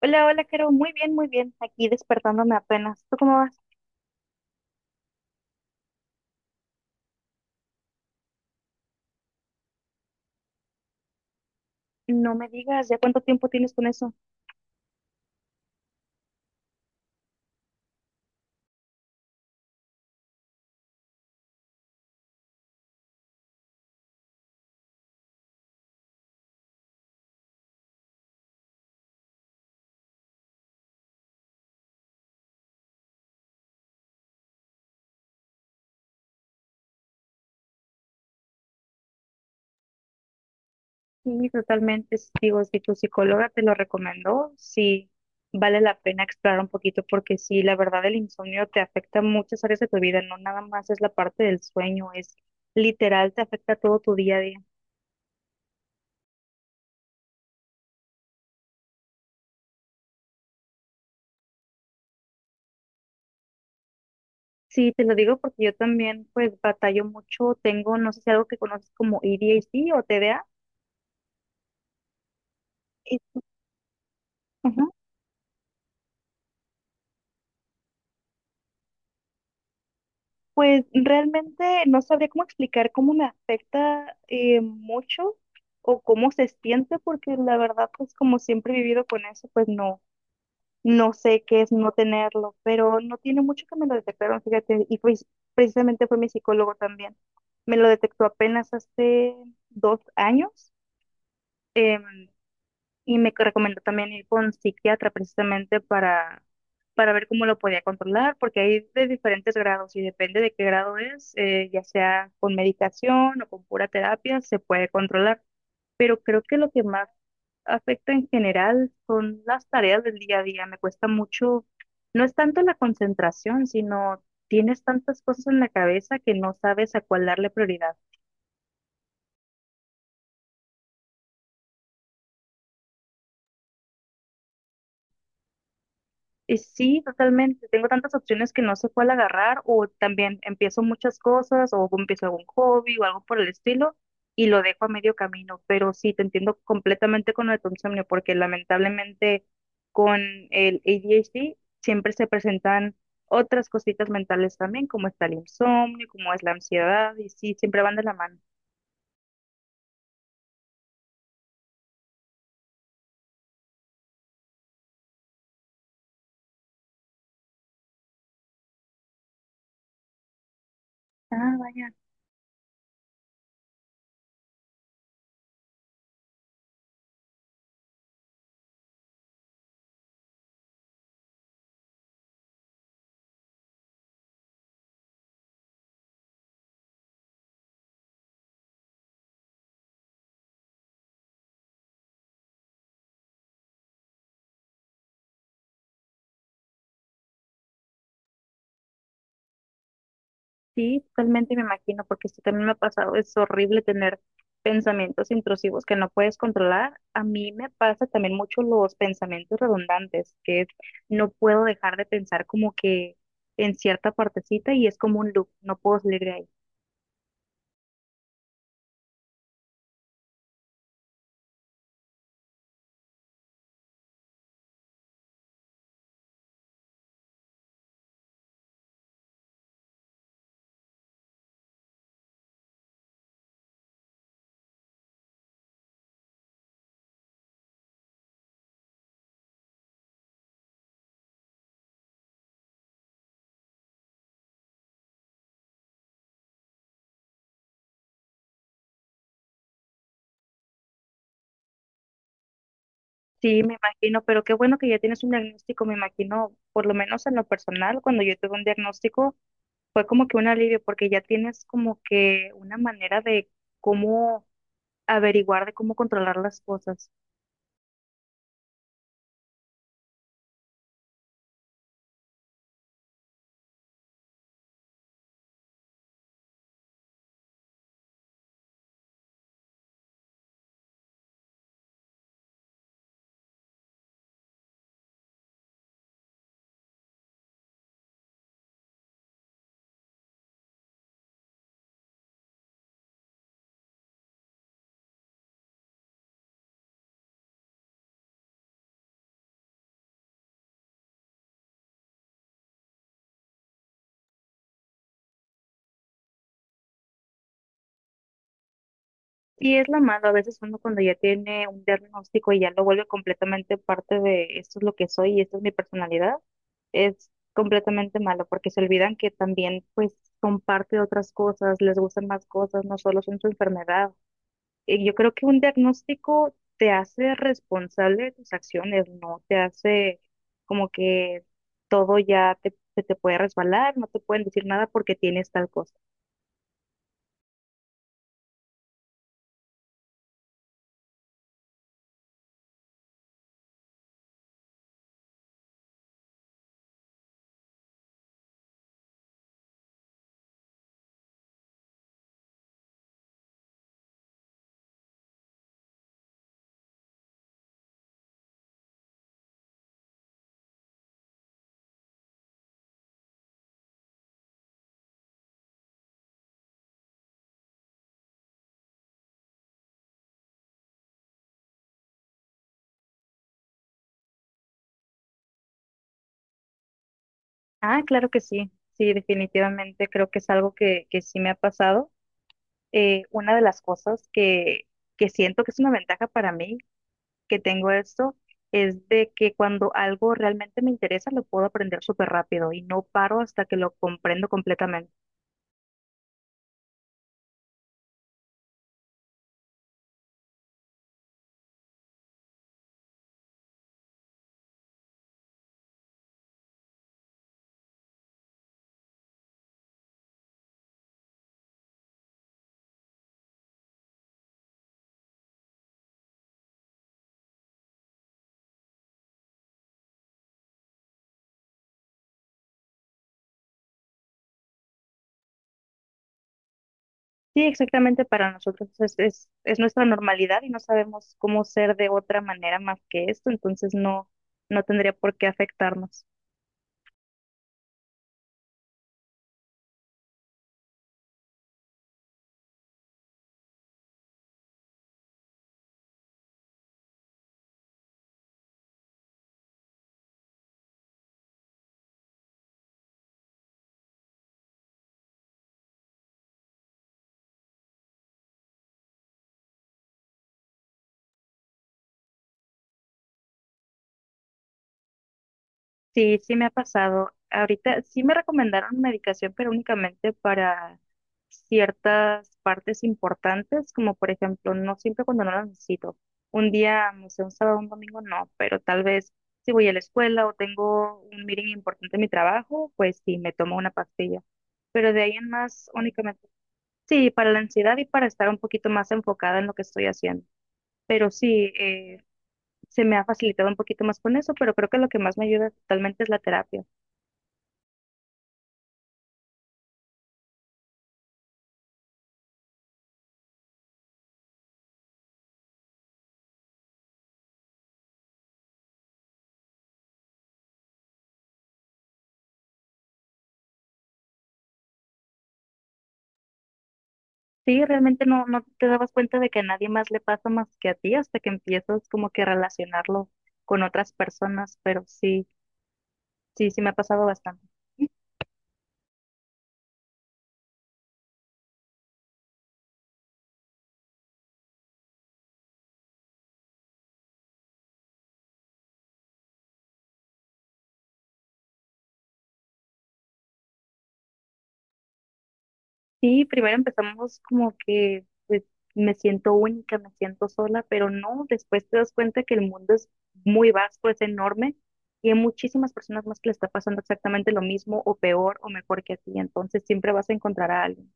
Hola, hola, Caro. Muy bien, muy bien. Aquí despertándome apenas. ¿Tú cómo vas? No me digas, ¿ya cuánto tiempo tienes con eso? Sí, totalmente. Digo, si tu psicóloga te lo recomendó, sí, vale la pena explorar un poquito porque sí, la verdad el insomnio te afecta muchas áreas de tu vida, no nada más es la parte del sueño, es literal, te afecta todo tu día a día. Sí, te lo digo porque yo también pues batallo mucho, tengo, no sé si algo que conoces como A D A ADHD o T D TDA. Pues realmente no sabría cómo explicar cómo me afecta mucho o cómo se siente, porque la verdad, pues como siempre he vivido con eso, pues no, no sé qué es no tenerlo, pero no tiene mucho que me lo detectaron, fíjate, y pues precisamente fue mi psicólogo también. Me lo detectó apenas hace 2 años. em, y me recomendó también ir con psiquiatra precisamente para ver cómo lo podía controlar, porque hay de diferentes grados y depende de qué grado es, ya sea con medicación o con pura terapia, se puede controlar. Pero creo que lo que más afecta en general son las tareas del día a día. Me cuesta mucho, no es tanto la concentración, sino tienes tantas cosas en la cabeza que no sabes a cuál darle prioridad. Sí, totalmente. Tengo tantas opciones que no sé cuál agarrar o también empiezo muchas cosas o empiezo algún hobby o algo por el estilo y lo dejo a medio camino. Pero sí, te entiendo completamente con lo de tu insomnio porque lamentablemente con el ADHD siempre se presentan otras cositas mentales también, como está el insomnio, como es la ansiedad y sí, siempre van de la mano. Ah, vaya. Sí, totalmente me imagino, porque esto también me ha pasado. Es horrible tener pensamientos intrusivos que no puedes controlar. A mí me pasa también mucho los pensamientos redundantes, que es, no puedo dejar de pensar como que en cierta partecita y es como un loop, no puedo salir de ahí. Sí, me imagino, pero qué bueno que ya tienes un diagnóstico, me imagino, por lo menos en lo personal, cuando yo tuve un diagnóstico fue como que un alivio, porque ya tienes como que una manera de cómo averiguar, de cómo controlar las cosas. Sí, es lo malo. A veces uno cuando ya tiene un diagnóstico y ya lo vuelve completamente parte de esto es lo que soy y esta es mi personalidad, es completamente malo porque se olvidan que también pues son parte de otras cosas, les gustan más cosas, no solo son su enfermedad. Y yo creo que un diagnóstico te hace responsable de tus acciones, no te hace como que todo ya te, se te puede resbalar, no te pueden decir nada porque tienes tal cosa. Ah, claro que sí, sí, definitivamente creo que es algo que sí me ha pasado. Una de las cosas que siento que es una ventaja para mí que tengo esto es de que cuando algo realmente me interesa lo puedo aprender súper rápido y no paro hasta que lo comprendo completamente. Sí, exactamente para nosotros es nuestra normalidad y no sabemos cómo ser de otra manera más que esto, entonces no, no tendría por qué afectarnos. Sí, sí me ha pasado. Ahorita sí me recomendaron medicación, pero únicamente para ciertas partes importantes, como por ejemplo, no siempre cuando no la necesito. Un día, no sé, un sábado, un domingo, no, pero tal vez si voy a la escuela o tengo un meeting importante en mi trabajo, pues sí, me tomo una pastilla. Pero de ahí en más, únicamente, sí, para la ansiedad y para estar un poquito más enfocada en lo que estoy haciendo. Pero sí, se me ha facilitado un poquito más con eso, pero creo que lo que más me ayuda totalmente es la terapia. Sí, realmente no, no te dabas cuenta de que a nadie más le pasa más que a ti hasta que empiezas como que a relacionarlo con otras personas, pero sí, sí, sí me ha pasado bastante. Sí, primero empezamos como que pues, me siento única, me siento sola, pero no, después te das cuenta que el mundo es muy vasto, es enorme y hay muchísimas personas más que le está pasando exactamente lo mismo o peor o mejor que a ti, entonces siempre vas a encontrar a alguien.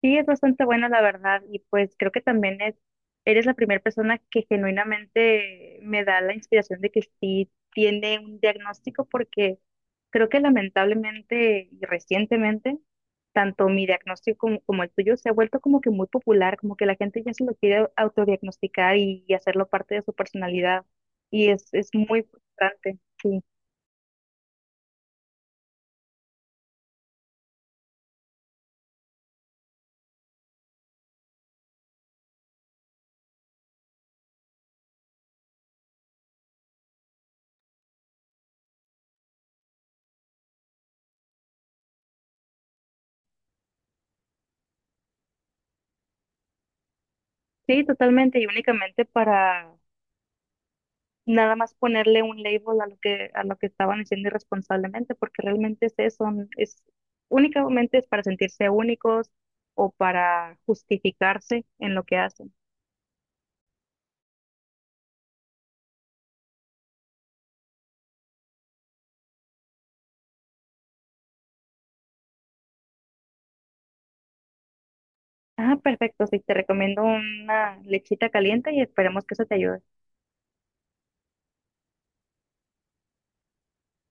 Sí, es bastante bueno, la verdad, y pues creo que también es, eres la primera persona que genuinamente me da la inspiración de que sí tiene un diagnóstico, porque creo que lamentablemente y recientemente, tanto mi diagnóstico como el tuyo se ha vuelto como que muy popular, como que la gente ya se lo quiere autodiagnosticar y hacerlo parte de su personalidad, y es muy frustrante, sí. Sí, totalmente, y únicamente para nada más ponerle un label a lo que estaban haciendo irresponsablemente, porque realmente es eso, es únicamente es para sentirse únicos o para justificarse en lo que hacen. Ah, perfecto, sí, te recomiendo una lechita caliente y esperemos que eso te ayude.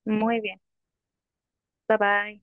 Muy bien, bye bye.